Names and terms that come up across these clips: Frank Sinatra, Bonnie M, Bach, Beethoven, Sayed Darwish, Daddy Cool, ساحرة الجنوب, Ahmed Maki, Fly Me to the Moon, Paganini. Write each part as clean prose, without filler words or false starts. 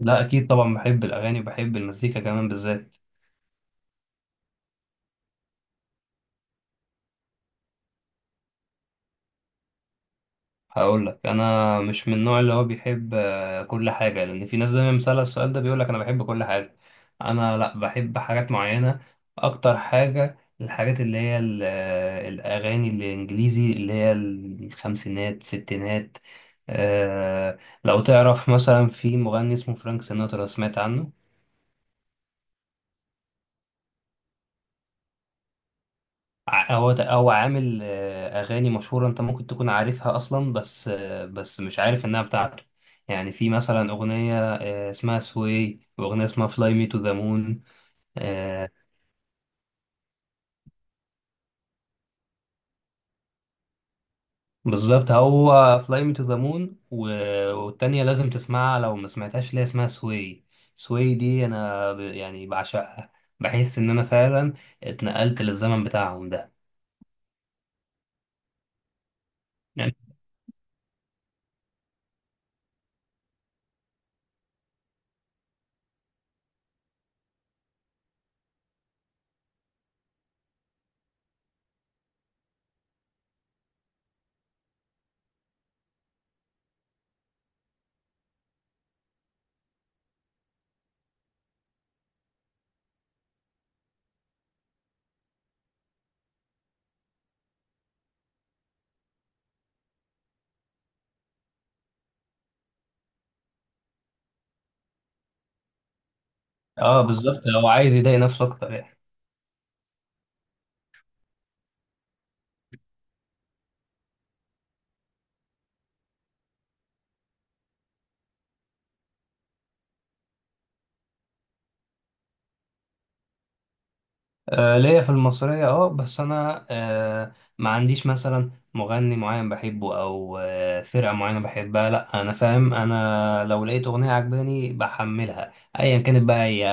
لا، اكيد طبعا بحب الاغاني وبحب المزيكا كمان. بالذات هقول لك، انا مش من النوع اللي هو بيحب كل حاجه، لان في ناس دايما مسألة السؤال ده بيقول لك انا بحب كل حاجه. انا لا، بحب حاجات معينه. اكتر حاجه الحاجات اللي هي الاغاني الانجليزي اللي هي الخمسينات ستينات. آه، لو تعرف مثلا في مغني اسمه فرانك سيناترا، سمعت عنه؟ هو عامل أغاني مشهورة أنت ممكن تكون عارفها أصلا، بس بس مش عارف إنها بتاعته. يعني في مثلا أغنية اسمها سوي، وأغنية اسمها فلاي مي تو ذا مون. بالظبط، هو فلاي مي تو ذا مون، والتانية لازم تسمعها لو ما سمعتهاش، اللي هي اسمها سوي. سوي دي أنا يعني بعشقها. بحس إن أنا فعلا اتنقلت للزمن بتاعهم ده يعني. اه بالظبط، هو عايز يضايق نفسه أكتر يعني. ليا في المصرية اه، بس انا ما عنديش مثلا مغني معين بحبه، او فرقة معينة بحبها. لا انا فاهم، انا لو لقيت اغنية عجباني بحملها ايا كانت بقى هي.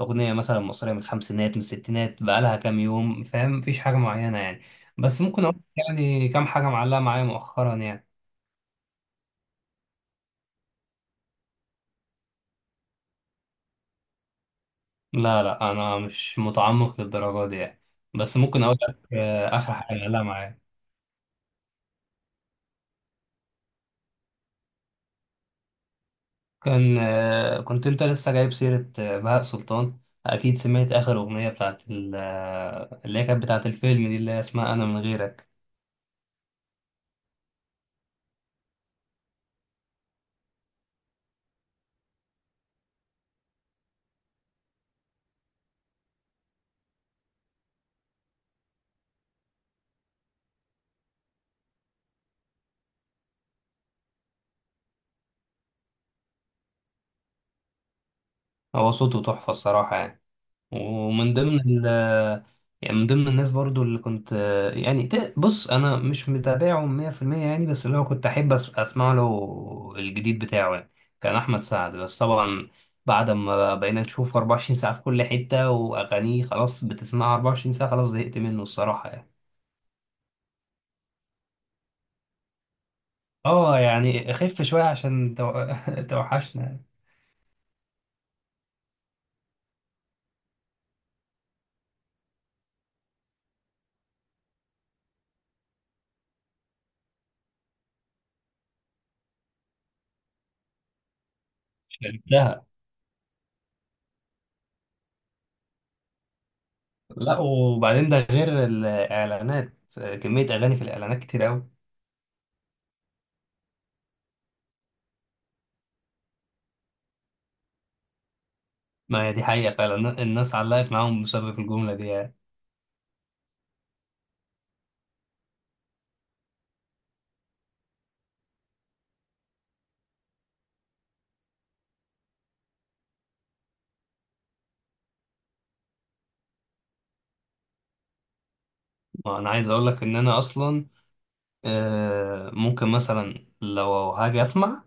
اغنية مثلا مصرية من الخمسينات، من الستينات بقالها كام يوم، فاهم. مفيش حاجة معينة يعني، بس ممكن اقول يعني كام حاجة معلقة معايا مؤخرا يعني. لا لا، انا مش متعمق للدرجة دي يعني، بس ممكن اقول لك اخر حاجة معلقة معايا. كان كنت انت لسه جايب سيرة بهاء سلطان. اكيد سمعت اخر اغنية بتاعت اللي هي كانت بتاعت الفيلم دي، اللي هي اسمها انا من غيرك. هو صوته تحفة الصراحة يعني. ومن ضمن ال آه، يعني من ضمن الناس برضو اللي كنت بص انا مش متابعه 100% يعني، بس اللي هو كنت احب اسمع له الجديد بتاعه يعني. كان احمد سعد، بس طبعا بعد ما بقينا نشوفه 24 ساعة في كل حتة، واغانيه خلاص بتسمعها 24 ساعة، خلاص زهقت منه الصراحة يعني. اه يعني خف شوية عشان توحشنا. شربتها. لا وبعدين ده غير الإعلانات، كمية أغاني في الإعلانات كتير أوي. ما هي دي حقيقة فعلا، الناس علقت معاهم بسبب الجملة دي يعني. ما أنا عايز أقولك إن أنا أصلا ممكن مثلا لو هاجي أسمع،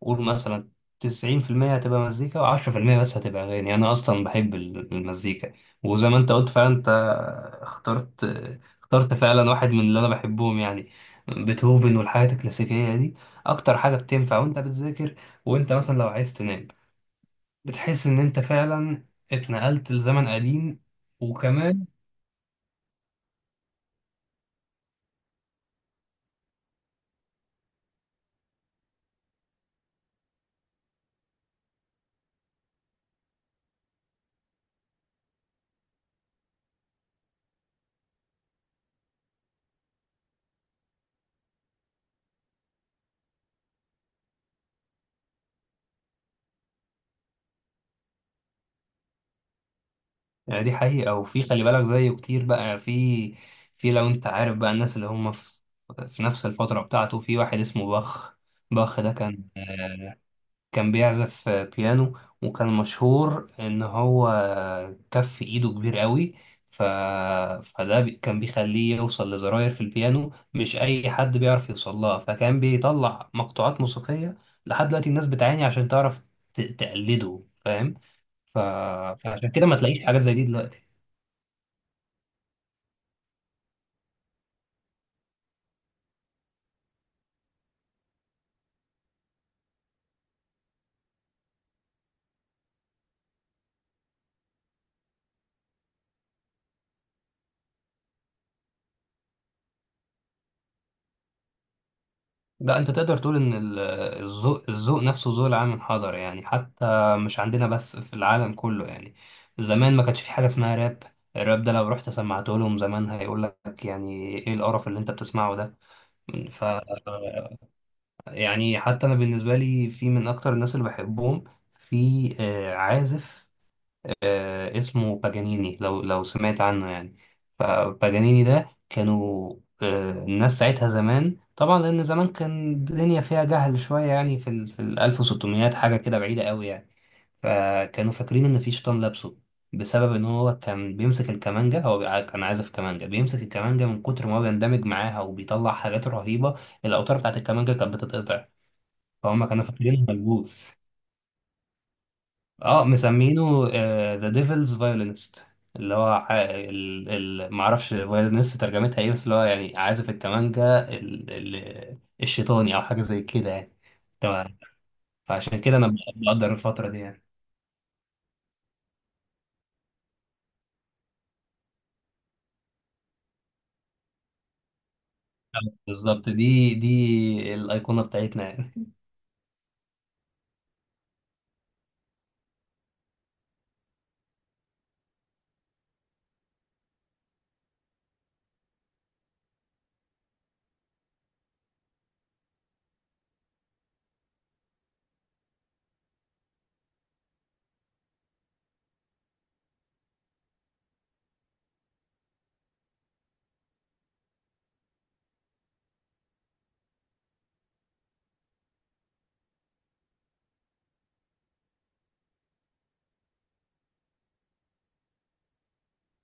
قول مثلا تسعين في المية هتبقى مزيكا، وعشرة في المية بس هتبقى أغاني. أنا أصلا بحب المزيكا. وزي ما أنت قلت فعلا، أنت اخترت اخترت فعلا واحد من اللي أنا بحبهم يعني، بيتهوفن والحاجات الكلاسيكية دي. أكتر حاجة بتنفع وأنت بتذاكر، وأنت مثلا لو عايز تنام بتحس إن أنت فعلا اتنقلت لزمن قديم. وكمان يعني دي حقيقة، وفي خلي بالك زيه كتير بقى. في لو انت عارف بقى الناس اللي هم في نفس الفترة بتاعته، في واحد اسمه باخ. باخ ده كان بيعزف بيانو، وكان مشهور ان هو كف ايده كبير قوي. ف... فده كان بيخليه يوصل لزراير في البيانو مش اي حد بيعرف يوصل لها، فكان بيطلع مقطوعات موسيقية لحد دلوقتي الناس بتعاني عشان تعرف تقلده، فاهم. ف... فعشان كده ما تلاقيش حاجات زي دي دلوقتي. لا، انت تقدر تقول ان الذوق نفسه ذوق العام انحدر يعني، حتى مش عندنا بس، في العالم كله يعني. زمان ما كانش في حاجه اسمها راب، الراب ده لو رحت سمعته لهم زمان هيقول لك يعني ايه القرف اللي انت بتسمعه ده. ف يعني حتى انا بالنسبه لي، في من اكتر الناس اللي بحبهم، في عازف اسمه باجانيني، لو سمعت عنه يعني. فباجانيني ده كانوا الناس ساعتها زمان طبعا، لأن زمان كان الدنيا فيها جهل شوية يعني، في ال في ال 1600، حاجة كده بعيدة قوي يعني. فكانوا فاكرين إن في شيطان لابسه، بسبب إن هو كان بيمسك الكمانجة. هو كان عازف كمانجة، بيمسك الكمانجة من كتر ما هو بيندمج معاها، وبيطلع حاجات رهيبة. الأوتار بتاعت الكمانجة كانت بتتقطع، فهم كانوا فاكرينه ملبوس. اه، مسمينه ذا ديفلز فايولينست، اللي هو معرفش فايولينست ترجمتها ايه، بس اللي هو يعني عازف الكمانجا الشيطاني، او حاجه زي كده يعني. تمام. فعشان كده انا بقدر الفتره دي يعني. بالظبط، دي الايقونه بتاعتنا يعني.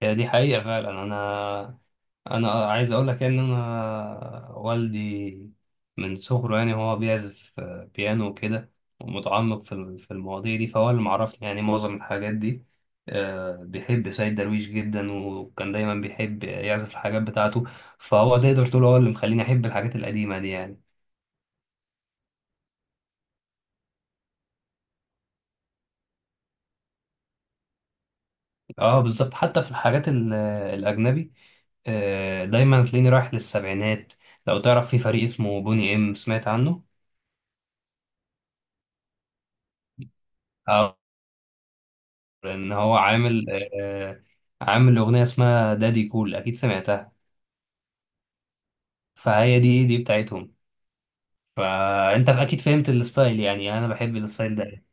هي دي حقيقه فعلا. انا عايز اقول لك يعني ان انا والدي من صغره، يعني هو بيعزف بيانو وكده، ومتعمق في في المواضيع دي، فهو اللي معرفني يعني معظم الحاجات دي. بيحب سيد درويش جدا، وكان دايما بيحب يعزف الحاجات بتاعته، فهو تقدر تقول هو اللي مخليني احب الحاجات القديمة دي يعني. اه بالظبط، حتى في الحاجات الاجنبي. دايما تلاقيني رايح للسبعينات. لو تعرف في فريق اسمه بوني ام، سمعت عنه؟ ان هو عامل عامل اغنيه اسمها دادي كول، اكيد سمعتها. فهي دي بتاعتهم، فانت اكيد فهمت الستايل يعني، انا بحب الستايل ده.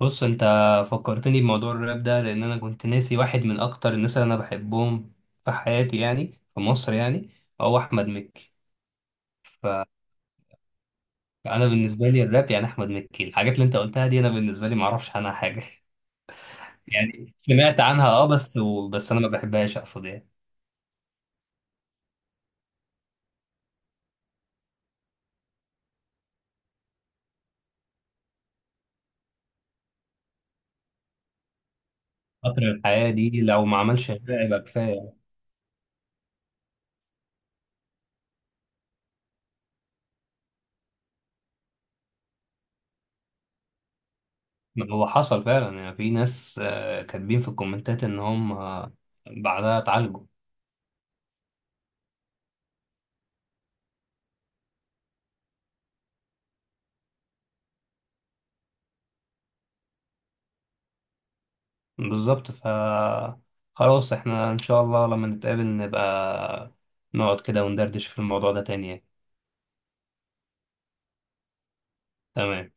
بص انت فكرتني بموضوع الراب ده، لان انا كنت ناسي واحد من اكتر الناس اللي انا بحبهم في حياتي يعني، في مصر يعني، هو احمد مكي. فانا بالنسبه لي الراب يعني احمد مكي، الحاجات اللي انت قلتها دي انا بالنسبه لي ما اعرفش عنها حاجه يعني سمعت عنها اه، بس بس انا ما بحبهاش، اقصد يعني. قطر الحياه دي لو ما عملش الراب يبقى كفايه. هو حصل فعلا، يعني في ناس كاتبين في الكومنتات ان هم بعدها اتعالجوا. بالظبط. ف خلاص احنا ان شاء الله لما نتقابل نبقى نقعد كده وندردش في الموضوع ده تاني يعني. تمام.